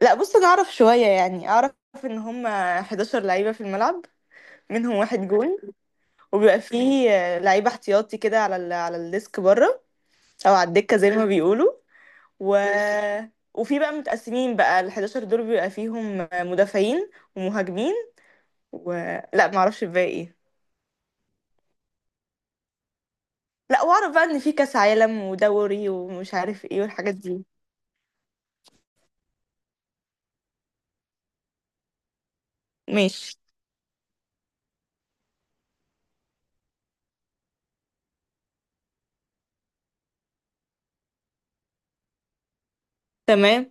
لا، بص انا اعرف شوية، يعني اعرف ان هم 11 لعيبة في الملعب منهم واحد جون. وبيبقى فيه لعيبة احتياطي كده على الديسك بره او على الدكة زي ما بيقولوا. و... وفي بقى متقسمين بقى ال 11 دول بيبقى فيهم مدافعين ومهاجمين و... لا، ما اعرفش الباقي ايه. لا، واعرف بقى ان في كاس عالم ودوري ومش عارف ايه والحاجات دي. ماشي. تمام.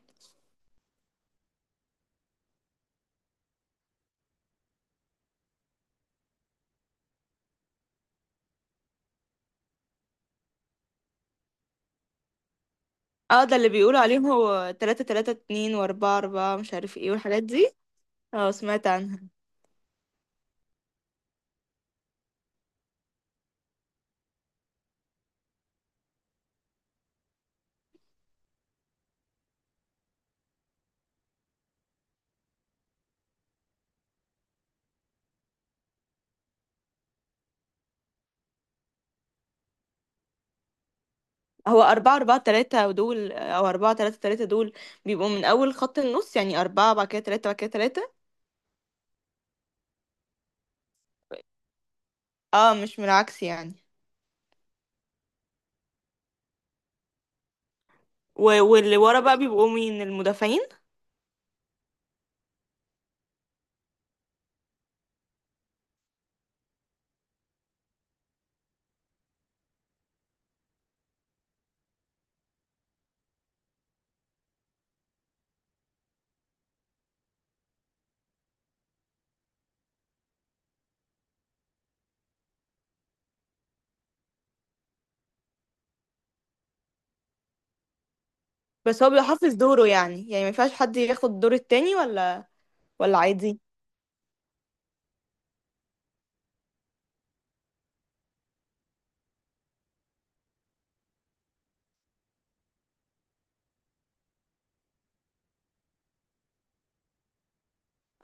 اه، ده اللي بيقولوا عليهم هو 3 3 2 و4 4 مش عارف ايه والحاجات دي. اه، سمعت عنها. هو أربعة أربعة تلاتة دول أو أربعة تلاتة تلاتة دول، بيبقوا من أول خط النص، يعني أربعة بعد كده تلاتة بعد كده تلاتة. اه، مش من العكس يعني؟ واللي ورا بقى بيبقوا مين؟ المدافعين؟ بس هو بيحافظ دوره، يعني ما ينفعش حد ياخد دور التاني، ولا؟ ولا، عادي.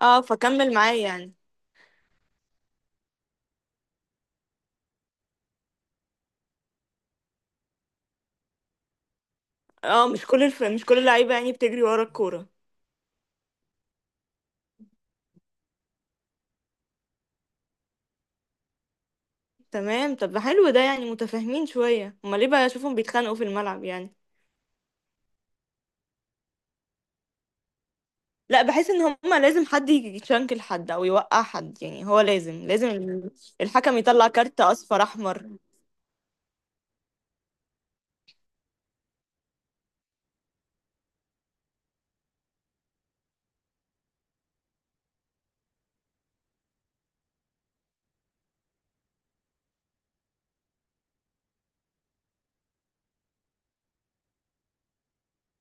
اه، فكمل معايا يعني. اه، مش كل اللعيبة يعني بتجري ورا الكورة؟ تمام. طب حلو، ده يعني متفاهمين شوية، امال ليه بقى اشوفهم بيتخانقوا في الملعب يعني؟ لا، بحس ان هما لازم حد يشنكل حد او يوقع حد، يعني هو لازم لازم الحكم يطلع كارت اصفر احمر.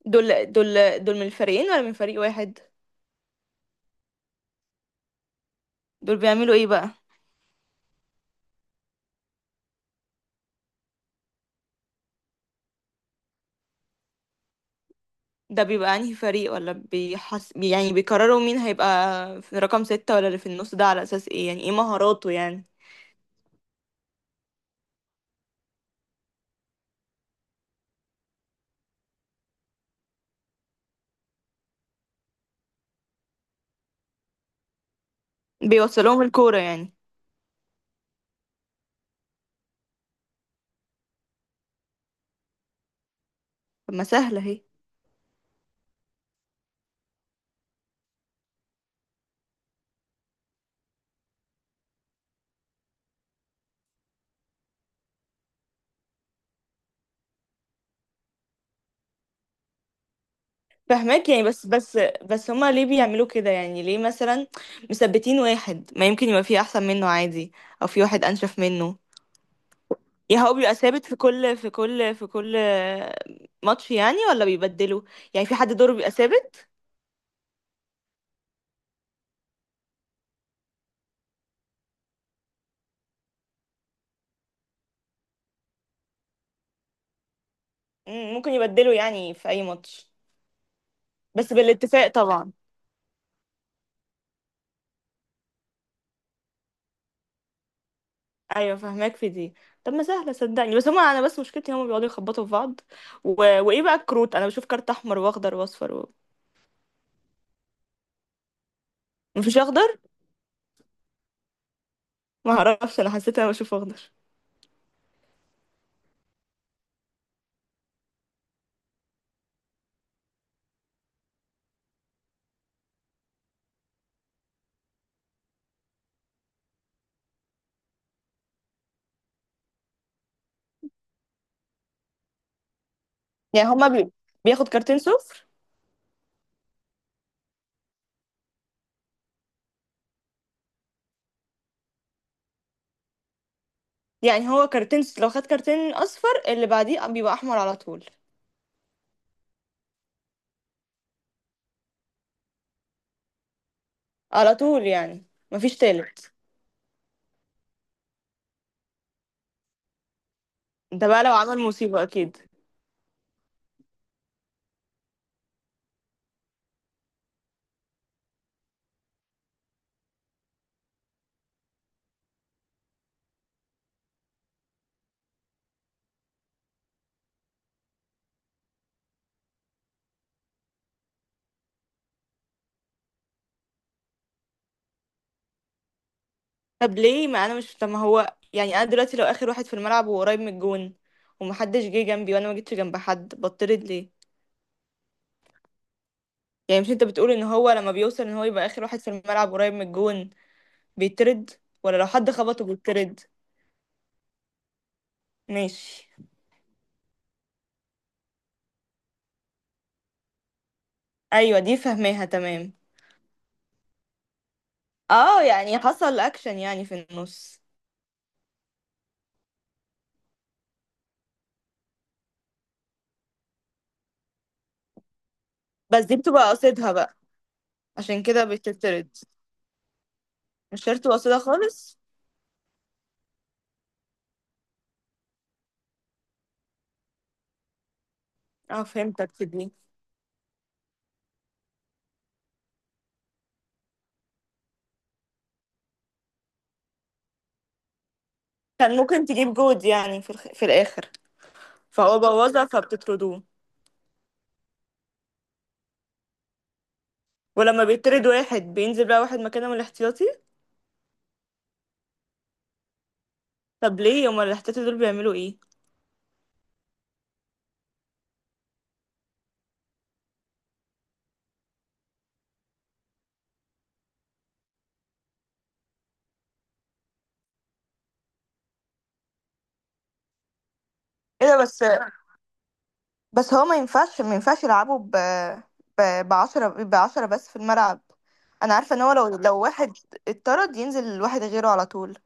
دول من الفريقين ولا من فريق واحد؟ دول بيعملوا ايه بقى؟ ده بيبقى انهي فريق، ولا بيحس يعني بيقرروا مين هيبقى في رقم ستة ولا اللي في النص ده؟ على اساس ايه؟ يعني ايه، مهاراته يعني؟ بيوصلهم الكورة يعني؟ طب ما سهلة اهي. فهماك يعني، بس بس هما ليه بيعملوا كده، يعني ليه مثلا مثبتين واحد؟ ما يمكن يبقى فيه احسن منه عادي، او في واحد انشف منه. يعني هو بيبقى ثابت في كل ماتش يعني، ولا بيبدلوا؟ يعني في حد دوره بيبقى ثابت؟ ممكن يبدلوا يعني في اي ماتش؟ بس بالاتفاق طبعا. ايوه، فهماك في دي. طب ما سهله صدقني، بس هما انا بس مشكلتي هما بيقعدوا يخبطوا في بعض. و... وايه بقى الكروت؟ انا بشوف كارت احمر واخضر واصفر مفيش اخضر؟ ما اعرفش، انا حسيت انا بشوف اخضر. يعني هما بياخد كارتين صفر؟ يعني هو كارتين، لو خد كارتين اصفر اللي بعديه بيبقى احمر على طول؟ على طول يعني؟ مفيش تالت؟ ده بقى لو عمل مصيبة أكيد. طب ما هو يعني، أنا دلوقتي لو آخر واحد في الملعب وقريب من الجون ومحدش جه جنبي وأنا ما جيتش جنب حد، بطرد ليه؟ يعني مش أنت بتقول إن هو لما بيوصل إن هو يبقى آخر واحد في الملعب قريب من الجون بيترد، ولا لو حد خبطه بيترد؟ ماشي. أيوة، دي فهماها تمام. اه، يعني حصل أكشن يعني في النص. بس دي بتبقى قصدها بقى؟ عشان كده بتترد؟ مش شرط قصدها خالص. اه، فهمتك في دي. كان ممكن تجيب جود يعني في الآخر. فهو بوظها فبتطردوه. ولما بيطرد واحد، بينزل بقى واحد مكانه من الاحتياطي؟ طب ليه هما الاحتياطي دول بيعملوا ايه؟ ايه ده بس؟ بس هو ما ينفعش يلعبوا ب ب بعشرة بعشرة بس في الملعب. انا عارفه ان هو لو واحد اتطرد ينزل واحد غيره على طول.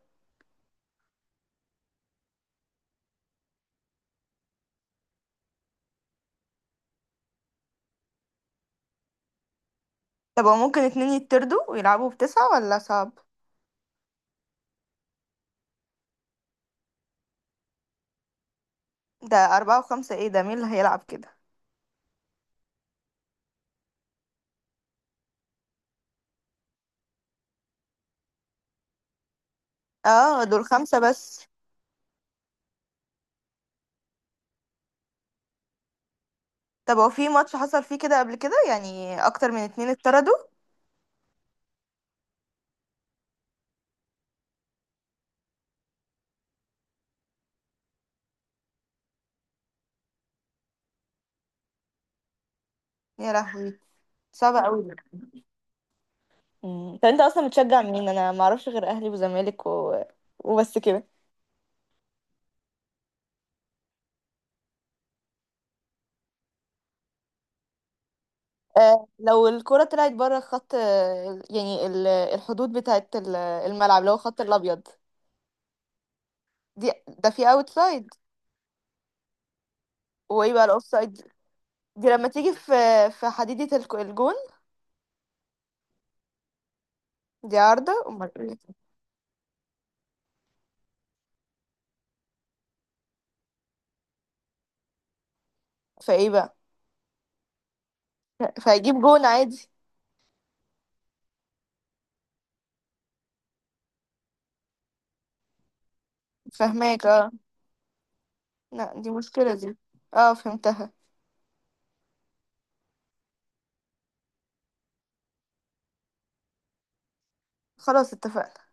طب هو ممكن اتنين يتطردوا ويلعبوا بتسعة، ولا صعب؟ ده أربعة وخمسة ايه ده؟ مين اللي هيلعب كده؟ اه، دول خمسة بس. طب هو في ماتش حصل فيه كده قبل كده، يعني اكتر من اتنين اتطردوا؟ يا لهوي. صعب قوي. مم. طب انت اصلا بتشجع مين؟ انا ما اعرفش غير اهلي وزمالك وبس كده. آه، لو الكرة طلعت بره خط، يعني الحدود بتاعت الملعب اللي هو خط الابيض. ده في اوت سايد؟ وايه بقى الاوف سايد؟ دي لما تيجي في حديدة الجون. دي عارضة، امال ايه؟ فايه بقى؟ فهيجيب جون عادي؟ فهماك اه. لا، دي مشكلة دي. اه، فهمتها. خلاص، اتفقنا.